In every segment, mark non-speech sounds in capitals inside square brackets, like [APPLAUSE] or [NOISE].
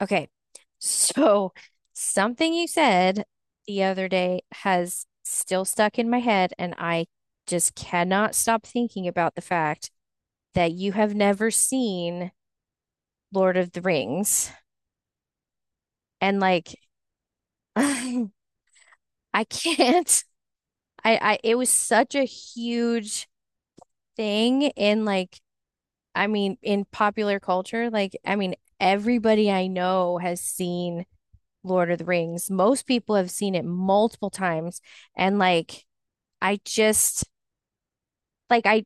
Okay. So something you said the other day has still stuck in my head, and I just cannot stop thinking about the fact that you have never seen Lord of the Rings. And like, [LAUGHS] I can't. It was such a huge thing in like, I mean, in popular culture. Like, I mean, everybody I know has seen Lord of the Rings. Most people have seen it multiple times. And like, I just like I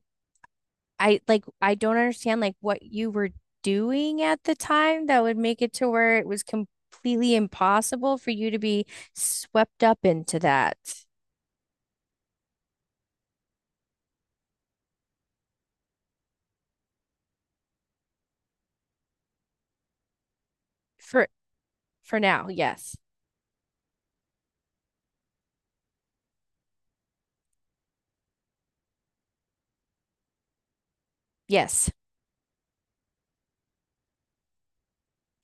I like I don't understand like what you were doing at the time that would make it to where it was completely impossible for you to be swept up into that. For for now, yes. Yes.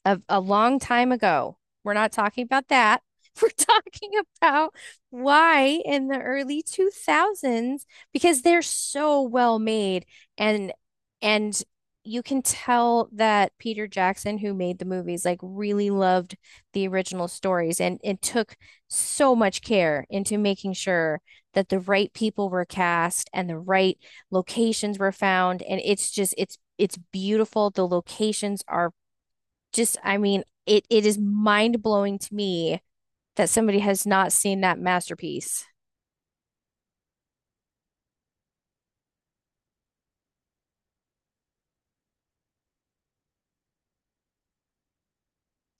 A long time ago. We're not talking about that. [LAUGHS] We're talking about why in the early 2000s, because they're so well made and and you can tell that Peter Jackson, who made the movies, like really loved the original stories and took so much care into making sure that the right people were cast and the right locations were found. And it's just it's beautiful. The locations are just, I mean, it is mind-blowing to me that somebody has not seen that masterpiece.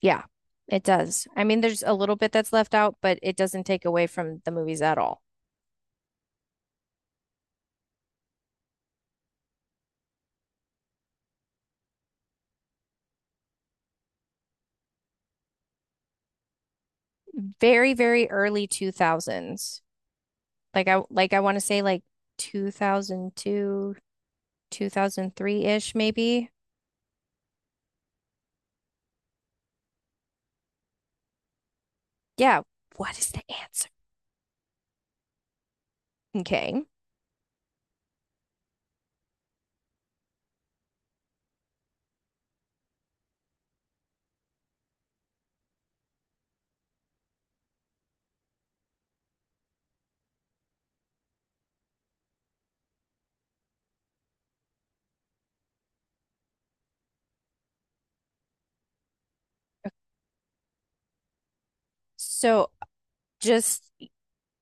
Yeah, it does. I mean, there's a little bit that's left out, but it doesn't take away from the movies at all. Very, very early 2000s. Like I want to say like 2002, 2003-ish maybe. Yeah, what is the answer? Okay. So just,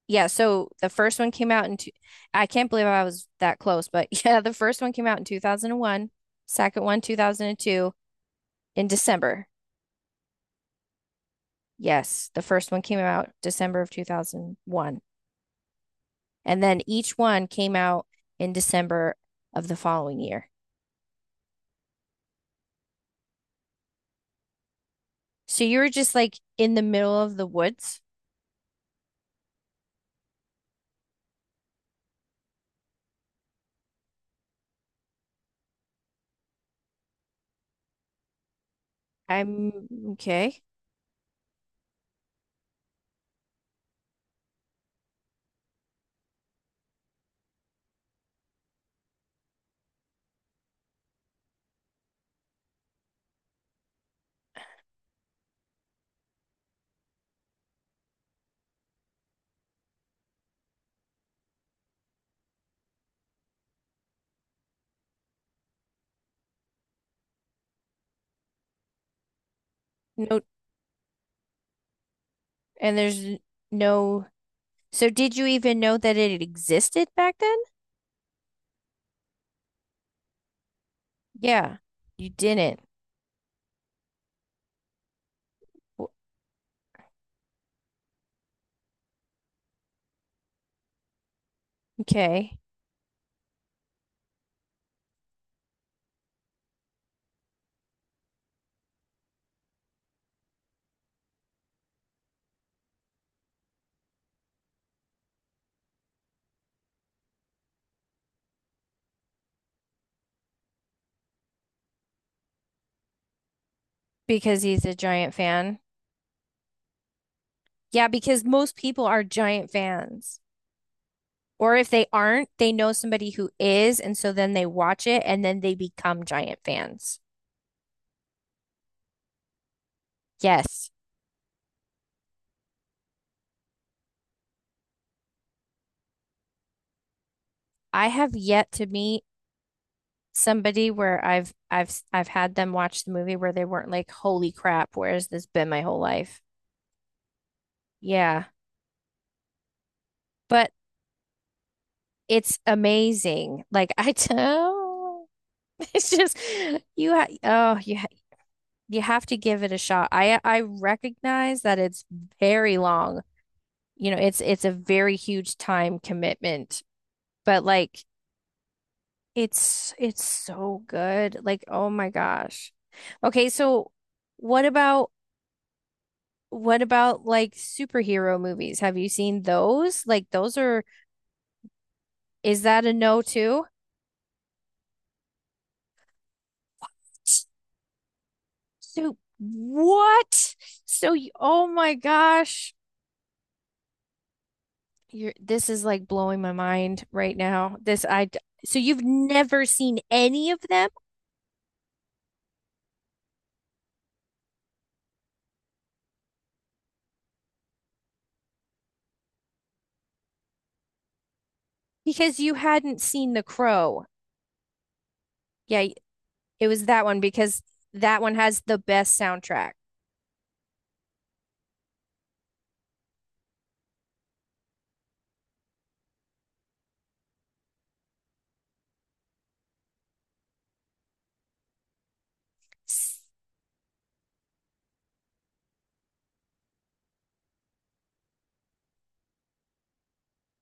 yeah, so the first one came out in two, I can't believe I was that close, but [LAUGHS] yeah, the first one came out in 2001, second one 2002 in December. Yes, the first one came out December of 2001. And then each one came out in December of the following year. So you were just like in the middle of the woods. I'm okay. No, and there's no. So did you even know that it existed back then? Yeah, you didn't. Okay. Because he's a giant fan. Yeah, because most people are giant fans. Or if they aren't, they know somebody who is, and so then they watch it and then they become giant fans. Yes. I have yet to meet somebody where I've had them watch the movie where they weren't like, "Holy crap, where has this been my whole life?" Yeah. But it's amazing. Like, [LAUGHS] I tell, it's just, oh, you have to give it a shot. I recognize that it's very long. It's a very huge time commitment, but like it's so good. Like, oh my gosh. Okay, so what about, what about like superhero movies? Have you seen those? Like those are, is that a no too? So what? So you, oh my gosh. You're, this is like blowing my mind right now. This I, so you've never seen any of them because you hadn't seen The Crow. Yeah, it was that one because that one has the best soundtrack.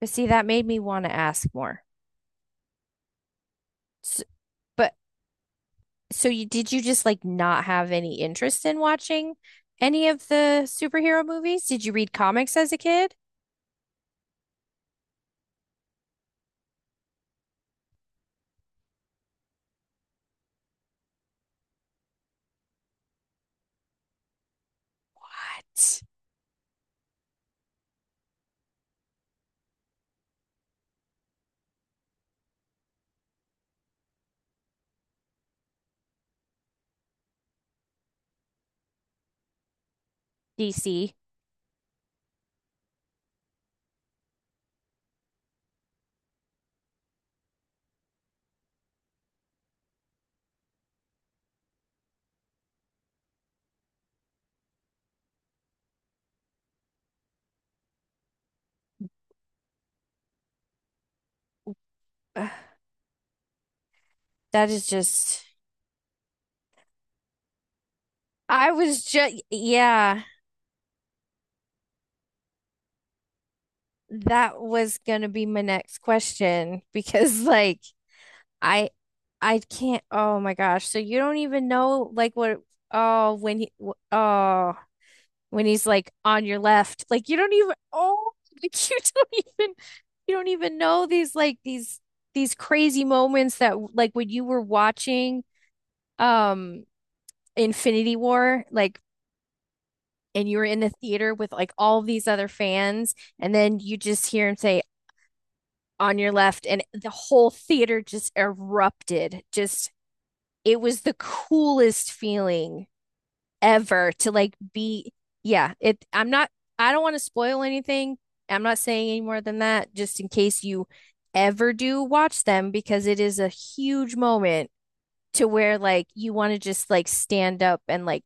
But see, that made me want to ask more. S But so you did, you just like not have any interest in watching any of the superhero movies? Did you read comics as a kid? What? DC. Ugh, that is just, I was just, yeah. That was gonna be my next question, [LAUGHS] because like I I can't, oh my gosh, so you don't even know like what, oh, oh, when he's like on your left, like you don't even, oh, [LAUGHS] like you don't even know these, like, these crazy moments that like when you were watching, um Infinity War, like, and you were in the theater with like all these other fans, and then you just hear him say on your left, and the whole theater just erupted, just it was the coolest feeling ever to like be, yeah. it I'm not, I don't want to spoil anything. I'm not saying any more than that, just in case you ever do watch them, because it is a huge moment to where like you want to just like stand up and like,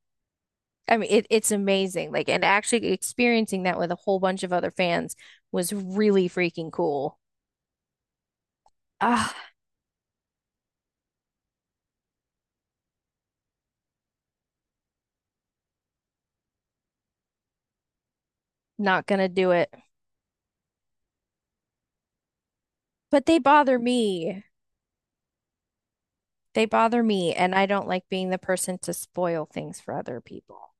I mean it's amazing, like, and actually experiencing that with a whole bunch of other fans was really freaking cool. ah Not gonna do it. But they bother me. They bother me, and I don't like being the person to spoil things for other people.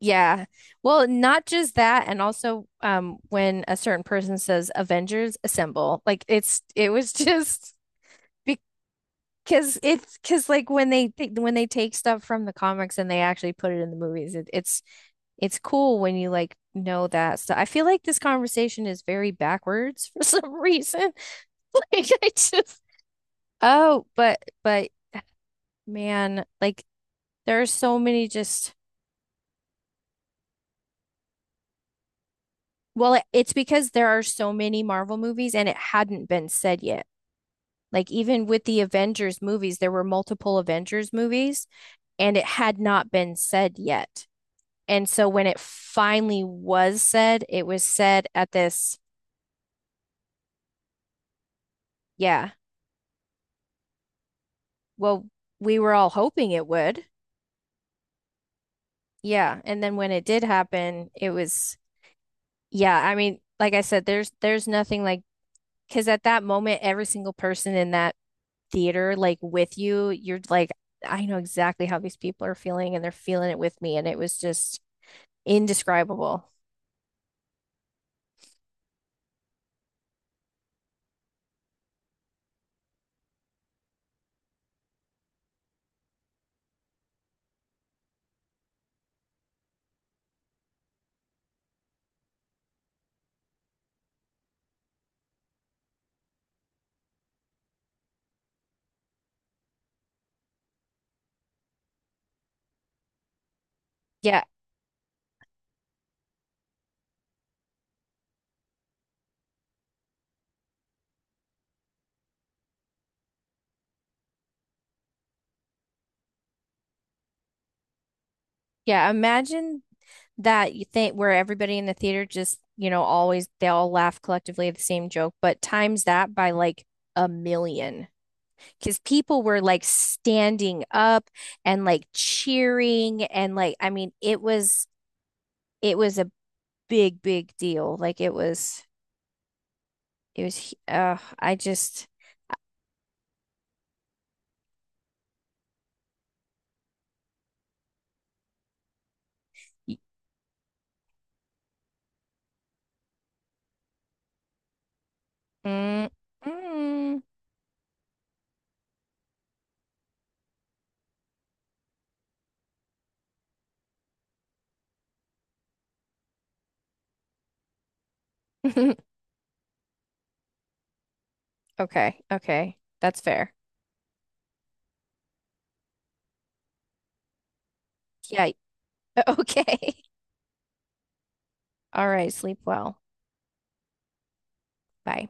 Yeah. Well, not just that, and also when a certain person says Avengers assemble, like it was [LAUGHS] just because like when they take stuff from the comics and they actually put it in the movies, it's cool when you like know that stuff. I feel like this conversation is very backwards [LAUGHS] for some reason. [LAUGHS] Like I just. Oh, but man, like there are so many just, well, it's because there are so many Marvel movies and it hadn't been said yet. Like even with the Avengers movies, there were multiple Avengers movies and it had not been said yet. And so when it finally was said, it was said at this, yeah, well, we were all hoping it would. Yeah. And then when it did happen, it was, yeah, I mean, like I said, there's nothing like, because at that moment, every single person in that theater, like with you, you're like, I know exactly how these people are feeling and they're feeling it with me. And it was just indescribable. Yeah. Yeah. Imagine that you think where everybody in the theater just, always they all laugh collectively at the same joke, but times that by like a million, because people were like standing up and like cheering and like, I mean it was a big big deal like it was I just. Mm, mm. [LAUGHS] Okay, okay. That's fair. Yeah. Okay. [LAUGHS] All right. Sleep well. Bye.